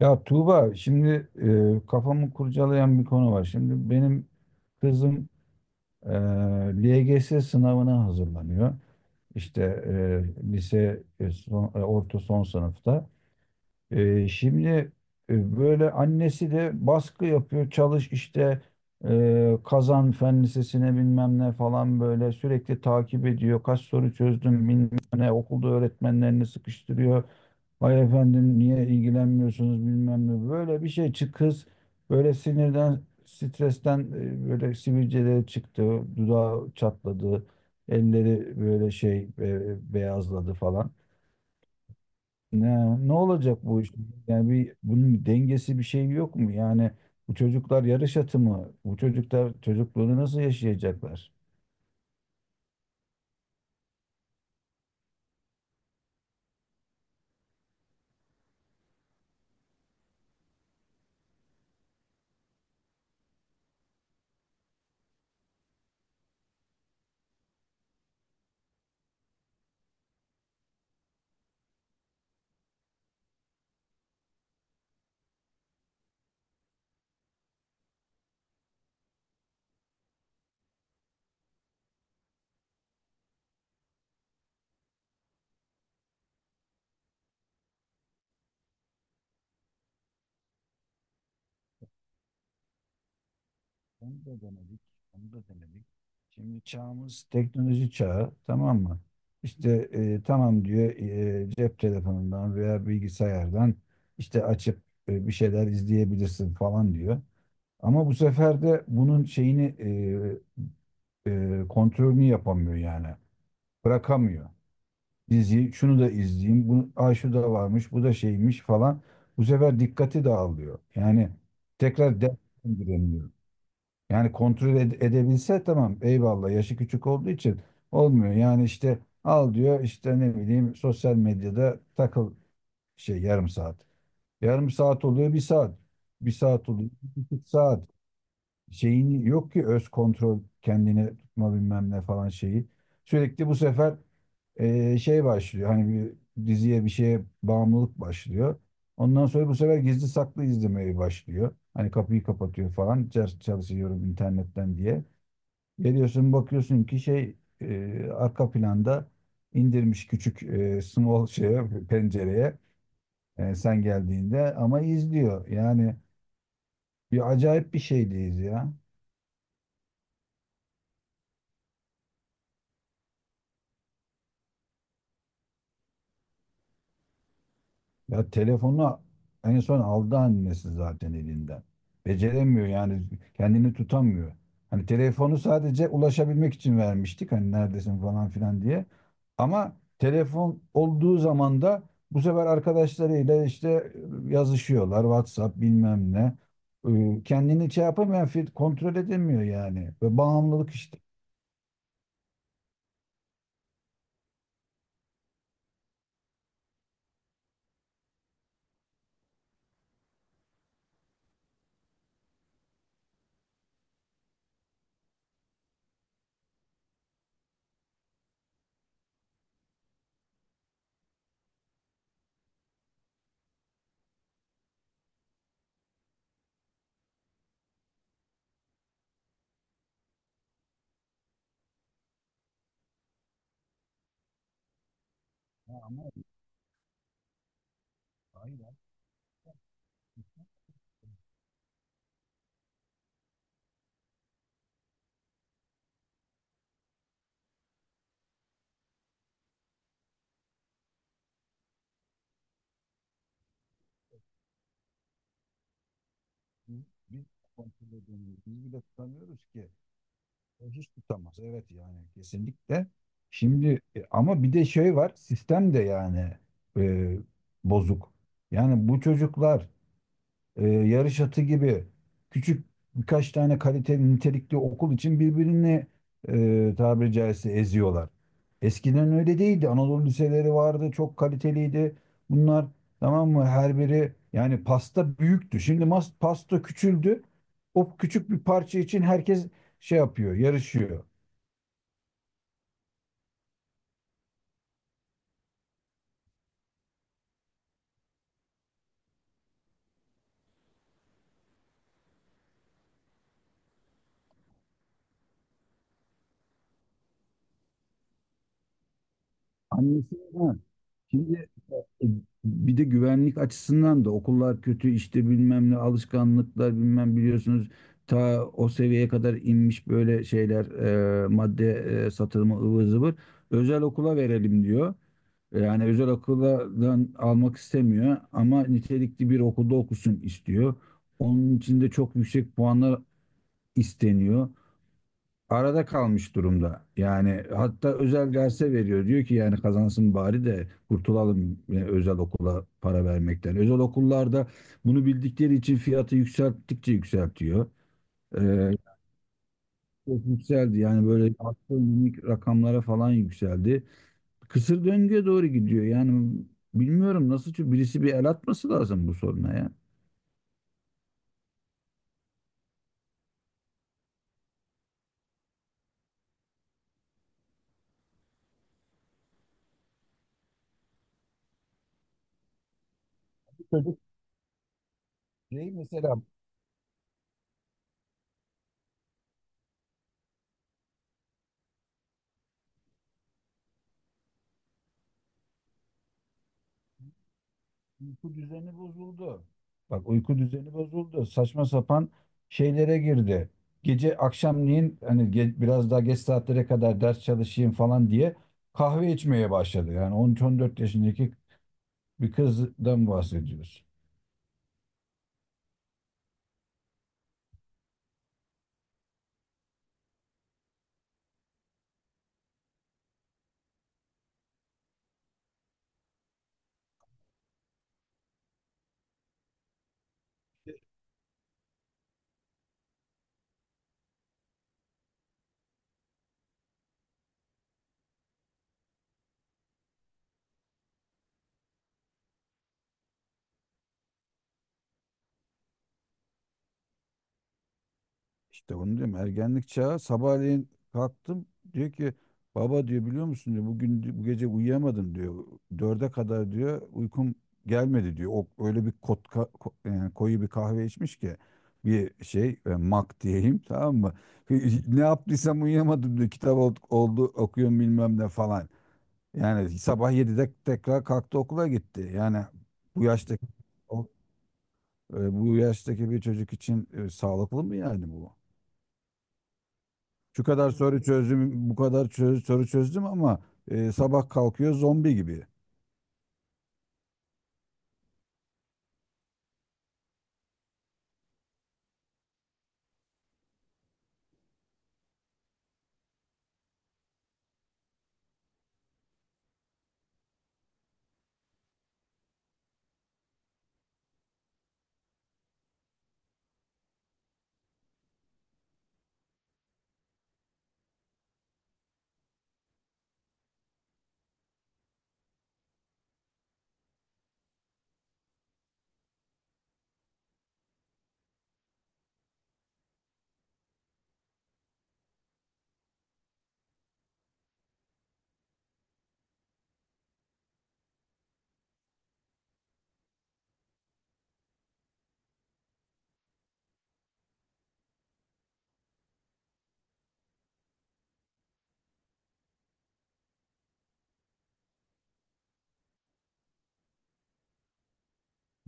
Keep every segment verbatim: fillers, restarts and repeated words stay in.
Ya Tuğba şimdi e, kafamı kurcalayan bir konu var. Şimdi benim kızım e, L G S sınavına hazırlanıyor. İşte e, lise e, son- e, orta son sınıfta. E, şimdi e, böyle annesi de baskı yapıyor. Çalış işte e, kazan fen lisesine bilmem ne falan böyle sürekli takip ediyor. Kaç soru çözdüm bilmem ne okulda öğretmenlerini sıkıştırıyor. Vay efendim niye ilgilenmiyorsunuz bilmem ne. Böyle bir şey çık kız böyle sinirden stresten e, böyle sivilceleri çıktı. Dudağı çatladı. Elleri böyle şey e, beyazladı falan. Ne, ne olacak bu iş? Yani bir, bunun bir dengesi bir şey yok mu? Yani bu çocuklar yarış atı mı? Bu çocuklar çocukluğunu nasıl yaşayacaklar? Onu da denedik. Onu da denedik. Şimdi çağımız teknoloji çağı tamam mı? İşte e, tamam diyor e, cep telefonundan veya bilgisayardan işte açıp e, bir şeyler izleyebilirsin falan diyor. Ama bu sefer de bunun şeyini e, e, kontrolünü yapamıyor yani. Bırakamıyor. Diziyi şunu da izleyeyim. Bunu, aa, şu da varmış, bu da şeymiş falan. Bu sefer dikkati dağılıyor. Yani tekrar devam edemiyor. Yani kontrol ed- edebilse tamam eyvallah yaşı küçük olduğu için olmuyor. Yani işte al diyor işte ne bileyim sosyal medyada takıl şey yarım saat. Yarım saat oluyor bir saat. Bir saat oluyor bir buçuk saat. Şeyin yok ki öz kontrol kendini tutma bilmem ne falan şeyi. Sürekli bu sefer e, şey başlıyor. Hani bir diziye bir şeye bağımlılık başlıyor. Ondan sonra bu sefer gizli saklı izlemeye başlıyor. Hani kapıyı kapatıyor falan. "Çar- Çalışıyorum internetten diye. Geliyorsun bakıyorsun ki şey e, arka planda indirmiş küçük e, small şeye, pencereye e, sen geldiğinde ama izliyor. Yani bir acayip bir şeydeyiz ya. Ya telefonu en son aldı annesi zaten elinden. Beceremiyor yani kendini tutamıyor. Hani telefonu sadece ulaşabilmek için vermiştik hani neredesin falan filan diye. Ama telefon olduğu zaman da bu sefer arkadaşlarıyla işte yazışıyorlar WhatsApp bilmem ne. Ee, Kendini şey yapamıyor, kontrol edemiyor yani. Ve bağımlılık işte. Biz biz kontrol edemiyoruz. Biz bile tutamıyoruz ki. O hiç tutamaz. Evet yani kesinlikle. Şimdi e, ama bir de şey var. Sistem de yani e, bozuk. Yani bu çocuklar e, yarış atı gibi küçük birkaç tane kaliteli nitelikli okul için birbirini e, tabiri caizse eziyorlar. Eskiden öyle değildi. Anadolu liseleri vardı, çok kaliteliydi. Bunlar tamam mı? Her biri yani pasta büyüktü. Şimdi mas pasta küçüldü. O küçük bir parça için herkes şey yapıyor, yarışıyor. Annesinden. Şimdi, E, bir de güvenlik açısından da okullar kötü işte bilmem ne alışkanlıklar bilmem biliyorsunuz ta o seviyeye kadar inmiş böyle şeyler e, madde e, satılımı ıvır zıvır özel okula verelim diyor. Yani özel okuldan almak istemiyor ama nitelikli bir okulda okusun istiyor. Onun için de çok yüksek puanlar isteniyor arada kalmış durumda. Yani hatta özel derse veriyor. Diyor ki yani kazansın bari de kurtulalım e, özel okula para vermekten. Özel okullarda bunu bildikleri için fiyatı yükselttikçe yükseltiyor. Ee, çok yükseldi yani böyle astronomik rakamlara falan yükseldi. Kısır döngüye doğru gidiyor. Yani bilmiyorum nasıl çö- birisi bir el atması lazım bu soruna ya. Uyku düzeni bozuldu. Bak uyku düzeni bozuldu. Saçma sapan şeylere girdi. Gece akşamleyin hani ge- biraz daha geç saatlere kadar ders çalışayım falan diye kahve içmeye başladı. Yani on üç on dört yaşındaki bir kızdan bahsediyoruz. İşte onu diyorum ergenlik çağı sabahleyin kalktım diyor ki baba diyor biliyor musun diyor bugün di- bu gece uyuyamadım diyor. Dörde kadar diyor uykum gelmedi diyor. O öyle bir kot, ka- ko- yani koyu bir kahve içmiş ki bir şey e, mak diyeyim tamam mı? Ne yaptıysam uyuyamadım diyor. Kitap ol- oldu okuyorum bilmem ne falan. Yani sabah yedide tekrar kalktı okula gitti. Yani bu yaştaki o- e, bu yaştaki bir çocuk için e, sağlıklı mı yani bu? Şu kadar soru çözdüm, bu kadar çö- soru çözdüm ama e, sabah kalkıyor zombi gibi.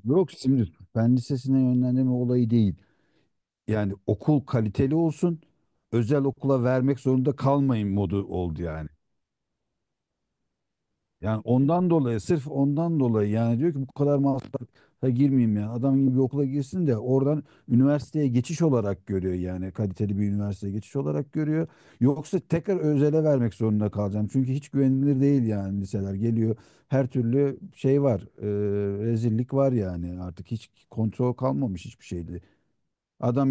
Yok şimdi fen lisesine yönlendirme olayı değil. Yani okul kaliteli olsun, özel okula vermek zorunda kalmayın modu oldu yani. Yani ondan dolayı sırf ondan dolayı yani diyor ki bu kadar masrafa girmeyeyim ya. Adam gibi bir okula girsin de oradan üniversiteye geçiş olarak görüyor yani kaliteli bir üniversiteye geçiş olarak görüyor. Yoksa tekrar özele vermek zorunda kalacağım. Çünkü hiç güvenilir değil yani liseler geliyor. Her türlü şey var. E, rezillik var yani artık hiç kontrol kalmamış hiçbir şeydi. Adam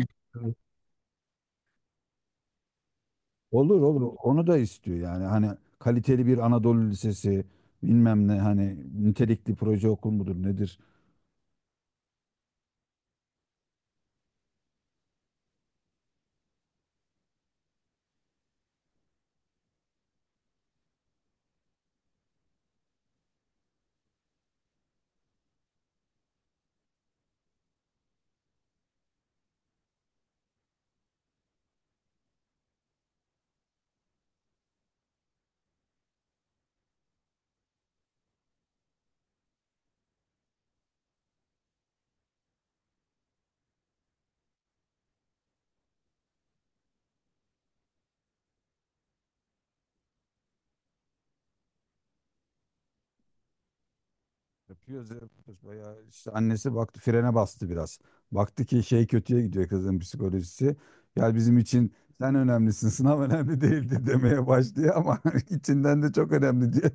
olur olur onu da istiyor yani hani kaliteli bir Anadolu Lisesi bilmem ne hani nitelikli proje okul mudur nedir. Yapıyoruz, yapıyoruz. Bayağı işte annesi baktı frene bastı biraz. Baktı ki şey kötüye gidiyor kızın psikolojisi. Ya bizim için sen önemlisin, sınav önemli değildi demeye başlıyor ama içinden de çok önemli diye.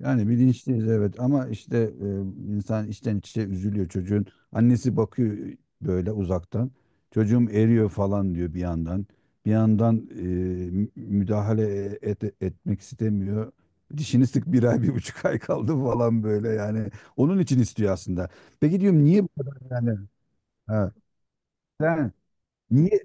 Yani bilinçliyiz evet ama işte e, insan içten içe üzülüyor çocuğun. Annesi bakıyor böyle uzaktan. Çocuğum eriyor falan diyor bir yandan. Bir yandan e, mü- müdahale et- etmek istemiyor. Dişini sık bir ay bir buçuk ay kaldı falan böyle yani. Onun için istiyor aslında. Peki diyorum niye bu kadar yani? Ha, sen niye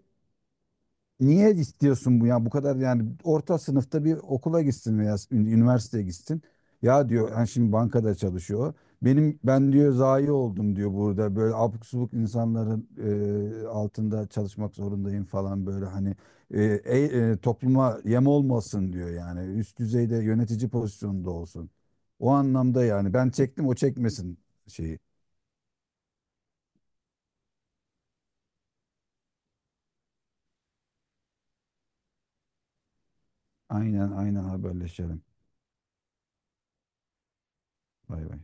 Niye istiyorsun bu ya bu kadar yani orta sınıfta bir okula gitsin veya ün- üniversiteye gitsin. Ya diyor yani şimdi bankada çalışıyor. Benim ben diyor zayi oldum diyor burada böyle abuk subuk insanların e, altında çalışmak zorundayım falan böyle hani e, e, e, topluma yem olmasın diyor yani üst düzeyde yönetici pozisyonunda olsun. O anlamda yani ben çektim o çekmesin şeyi. Aynen aynen haberleşelim. Bay bay.